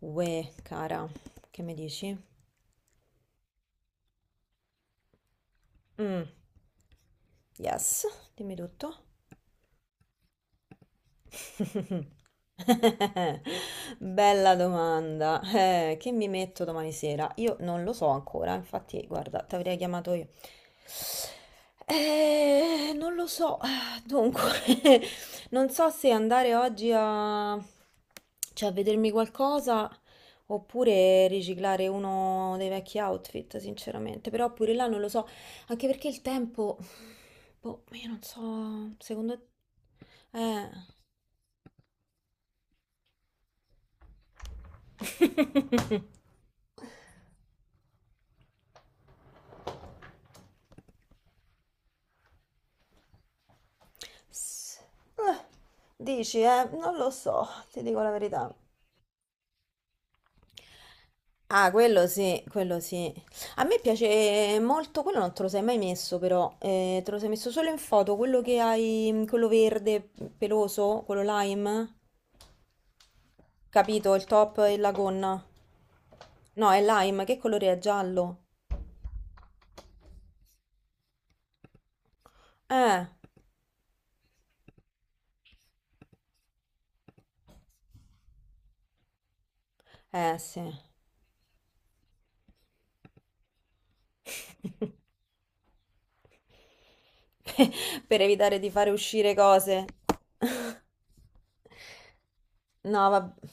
Uè, cara, che mi dici? Mm, yes, dimmi tutto. Bella domanda. Che mi metto domani sera? Io non lo so ancora, infatti, guarda, ti avrei chiamato io. Non lo so. Dunque, non so se andare oggi cioè a vedermi qualcosa oppure riciclare uno dei vecchi outfit, sinceramente. Però pure là non lo so, anche perché il tempo, boh, io non so, secondo te.... Eh, Dici, eh? Non lo so, ti dico la verità. Ah, quello sì, quello sì. A me piace molto, quello non te lo sei mai messo però, te lo sei messo solo in foto, quello che hai, quello verde peloso, quello lime, capito? Il top e la gonna. No, è lime, che colore è? Giallo. Eh, eh sì. Per evitare di fare uscire cose. No, vabbè.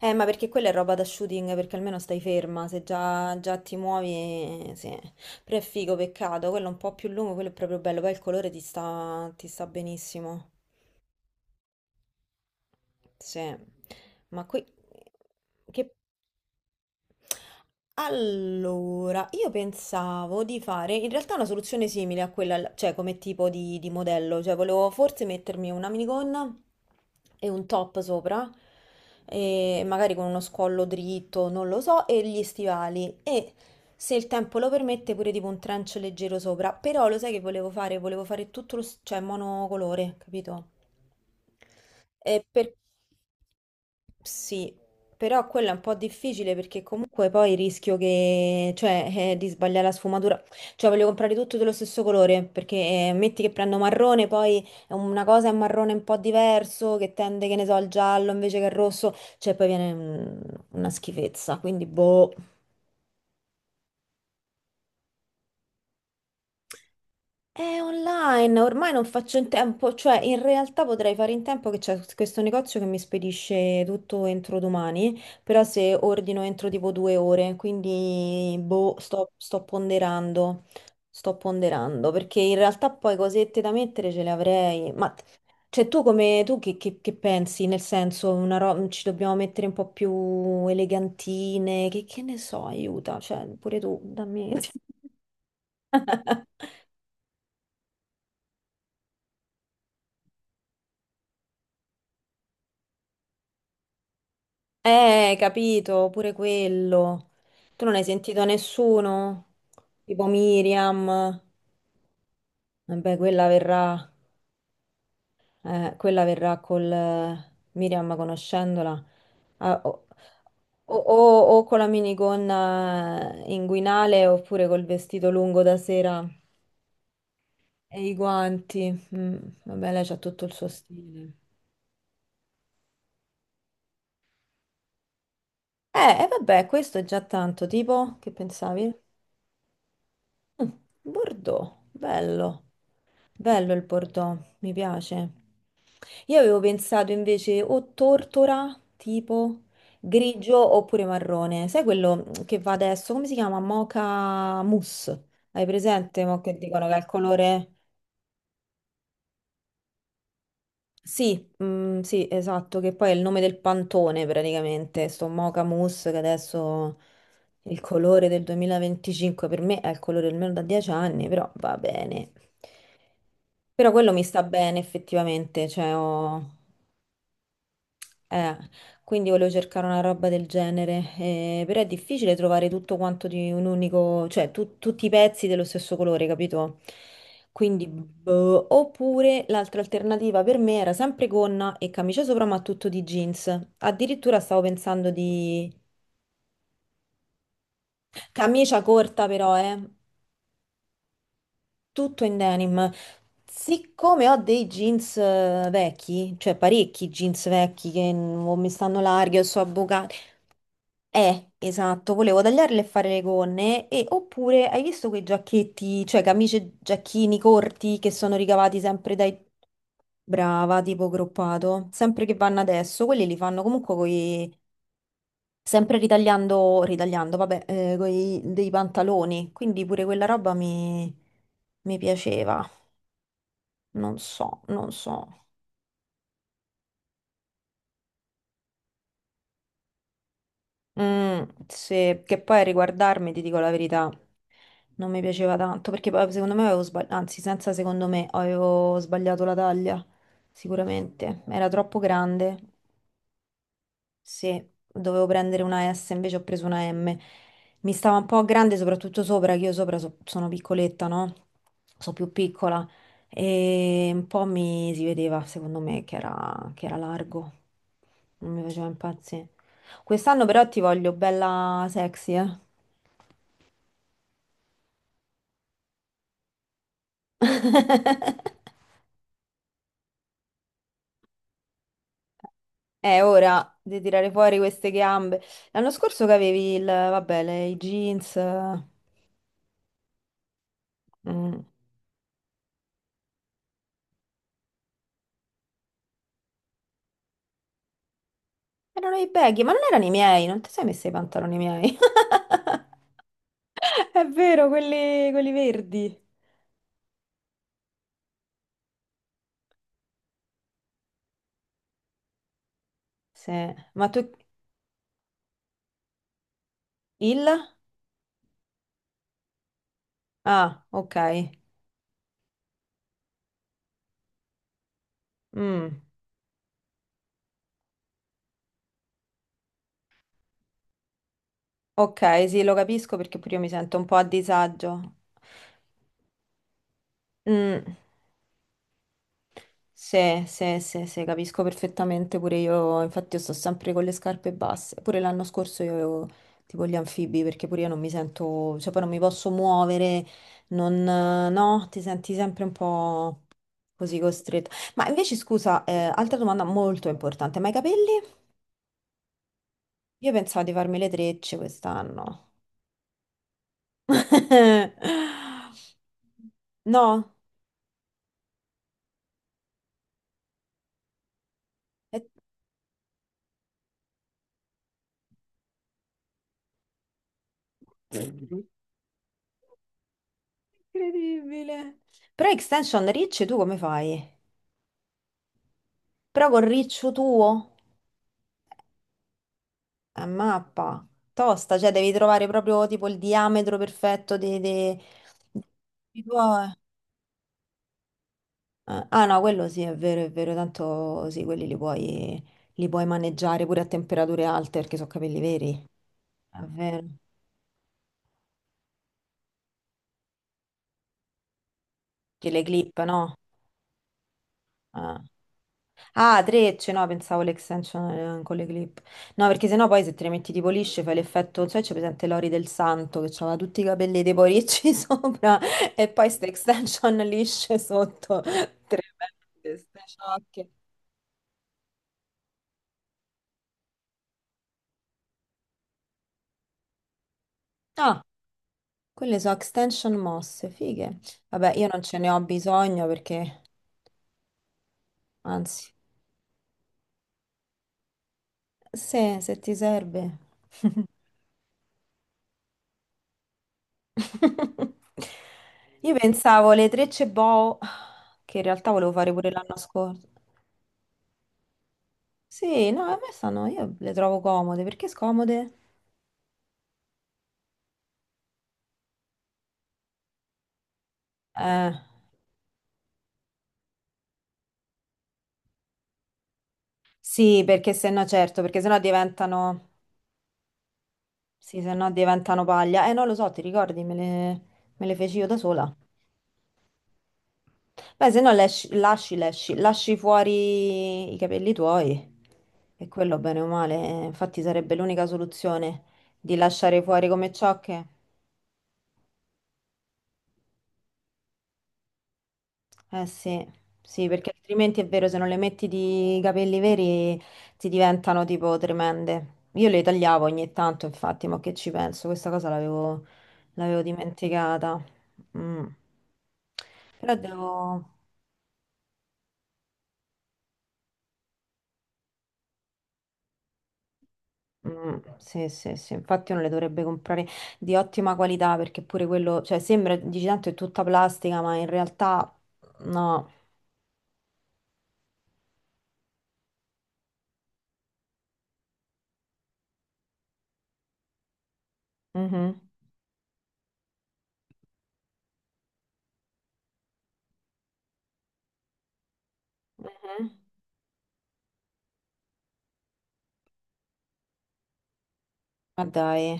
Ma perché quella è roba da shooting, perché almeno stai ferma, se già, già ti muovi, sì. Però è figo, peccato, quello è un po' più lungo, quello è proprio bello, poi il colore ti sta benissimo. Sì. Ma qui... Che... Allora, io pensavo di fare in realtà una soluzione simile a quella, cioè come tipo di modello, cioè volevo forse mettermi una minigonna e un top sopra, e magari con uno scollo dritto, non lo so, e gli stivali e se il tempo lo permette pure tipo un trench leggero sopra, però lo sai che volevo fare? Volevo fare tutto cioè monocolore, capito? E per... Sì, però quello è un po' difficile perché comunque poi rischio che, cioè, di sbagliare la sfumatura. Cioè, voglio comprare tutto dello stesso colore perché metti che prendo marrone, poi è una cosa è un marrone un po' diverso che tende, che ne so, al giallo invece che al rosso, cioè poi viene una schifezza, quindi boh. È online, ormai non faccio in tempo, cioè in realtà potrei fare in tempo che c'è questo negozio che mi spedisce tutto entro domani, però se ordino entro tipo due ore, quindi boh, sto ponderando, perché in realtà poi cosette da mettere ce le avrei, ma cioè tu come, tu che pensi? Nel senso, ci dobbiamo mettere un po' più elegantine, che ne so, aiuta, cioè pure tu, dammi... Capito, pure quello. Tu non hai sentito nessuno? Tipo Miriam. Vabbè, quella verrà col Miriam conoscendola. Ah, o con la minigonna inguinale oppure col vestito lungo da sera e i guanti. Vabbè, lei c'ha tutto il suo stile. E vabbè, questo è già tanto, tipo, che pensavi? Mm, Bordeaux, bello. Bello il Bordeaux, mi piace. Io avevo pensato invece o tortora, tipo grigio oppure marrone. Sai quello che va adesso? Come si chiama? Mocha mousse. Hai presente? Mo che dicono che è il colore... Sì, sì, esatto, che poi è il nome del pantone praticamente, sto mocha mousse che adesso il colore del 2025 per me è il colore almeno da 10 anni, però va bene. Però quello mi sta bene effettivamente, cioè ho... Eh, quindi volevo cercare una roba del genere, però è difficile trovare tutto quanto di un unico, cioè tutti i pezzi dello stesso colore, capito? Quindi, boh. Oppure l'altra alternativa per me era sempre gonna e camicia sopra, ma tutto di jeans. Addirittura stavo pensando di camicia corta, però, tutto in denim. Siccome ho dei jeans vecchi, cioè parecchi jeans vecchi che non mi stanno larghi o sono esatto, volevo tagliarle e fare le gonne e oppure hai visto quei giacchetti, cioè camicie e giacchini corti che sono ricavati sempre dai... Brava, tipo groppato, sempre che vanno adesso, quelli li fanno comunque coi... sempre ritagliando, ritagliando, vabbè, coi... dei pantaloni, quindi pure quella roba mi piaceva, non so, non so. Sì, che poi a riguardarmi, ti dico la verità, non mi piaceva tanto perché poi secondo me avevo sbagliato, anzi, senza secondo me avevo sbagliato la taglia, sicuramente, era troppo grande sì, dovevo prendere una S, invece ho preso una M. Mi stava un po' grande, soprattutto sopra, che io sopra sono piccoletta, no? Sono più piccola. E un po' mi si vedeva, secondo me, che era largo. Non mi faceva impazzire. Quest'anno però ti voglio bella sexy, eh? È ora di tirare fuori queste gambe. L'anno scorso che avevi il, vabbè, i jeans. Mm. Erano i baggy, ma non erano i miei, non ti sei messa i pantaloni miei. È vero, quelli, quelli verdi. Sì, ma tu il? Ah, ok. Mm, ok, sì, lo capisco perché pure io mi sento un po' a disagio. Mm, sì, sì, sì, sì, capisco perfettamente pure io, infatti io sto sempre con le scarpe basse, pure l'anno scorso io avevo tipo gli anfibi perché pure io non mi sento, cioè poi non mi posso muovere, non, no, ti senti sempre un po' così costretto. Ma invece scusa, altra domanda molto importante, ma i capelli? Io pensavo di farmi le trecce quest'anno. No? Eh, Incredibile. Però extension ricci tu come fai? Però col riccio tuo? A mappa. Tosta, cioè devi trovare proprio tipo il diametro perfetto dei tuoi- Ah ah, no, quello sì, è vero, tanto sì, quelli li puoi maneggiare pure a temperature alte perché sono capelli veri. È vero. Che le clip, no? Ah. Ah, trecce, no, pensavo l'extension con le clip. No, perché sennò poi se te le metti tipo lisce fai l'effetto, non so se c'è presente Lori del Santo che aveva tutti i capelli tipo ricci sopra e poi queste extension lisce sotto. Tremende, ste ciocche. Ah, quelle sono extension mosse, fighe. Vabbè, io non ce ne ho bisogno perché, anzi, se ti serve. Io pensavo le trecce boho, che in realtà volevo fare pure l'anno scorso. Sì, no, a me stanno, io le trovo comode, perché scomode? Eh, sì, perché se no certo, perché se no diventano, sì, se no diventano paglia. Non lo so, ti ricordi, me le feci io da sola. Beh, se no lasci fuori i capelli tuoi e quello bene o male, infatti sarebbe l'unica soluzione di lasciare fuori come ciocche. Eh sì, sì, perché altrimenti è vero, se non le metti di capelli veri ti diventano tipo tremende. Io le tagliavo ogni tanto, infatti, ma che ci penso? Questa cosa l'avevo dimenticata. Mm. Però devo... Sì, sì, sì, infatti uno le dovrebbe comprare di ottima qualità perché pure quello, cioè sembra, dici tanto è tutta plastica, ma in realtà no. Mhm. Mhm. Ma dai.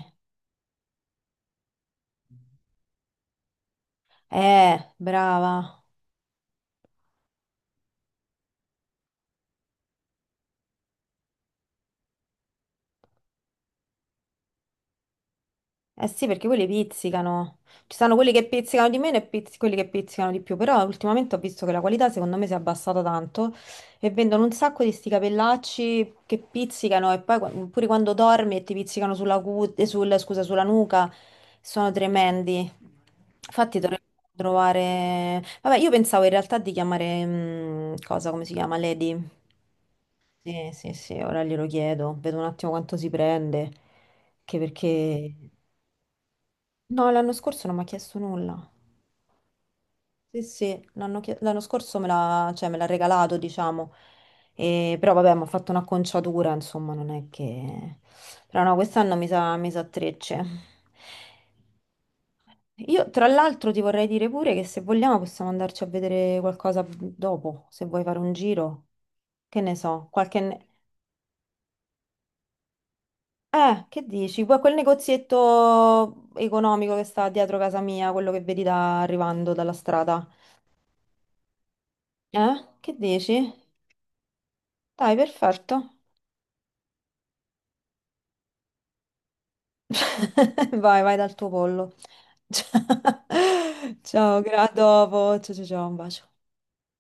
Brava. Eh sì, perché quelli pizzicano. Ci sono quelli che pizzicano di meno e quelli che pizzicano di più, però ultimamente ho visto che la qualità secondo me si è abbassata tanto e vendono un sacco di sti capellacci che pizzicano e poi pure quando dormi e ti pizzicano scusa, sulla nuca, sono tremendi. Infatti dovremmo trovare... Vabbè, io pensavo in realtà di chiamare... cosa, come si chiama? Lady. Sì, sì, sì, ora glielo chiedo, vedo un attimo quanto si prende, che perché... No, l'anno scorso non mi ha chiesto nulla. Sì, sì, l'anno scorso me l'ha cioè, me l'ha regalato, diciamo. Però vabbè, mi ha fatto un'acconciatura, insomma, non è che... Però no, quest'anno mi sa trecce. Io, tra l'altro, ti vorrei dire pure che se vogliamo possiamo andarci a vedere qualcosa dopo, se vuoi fare un giro. Che ne so, qualche... Che dici? Quel negozietto economico che sta dietro casa mia, quello che vedi arrivando dalla strada. Eh? Che dici? Dai, perfetto. Vai, vai dal tuo pollo. Ciao, a dopo. Ciao, ciao, ciao, un bacio.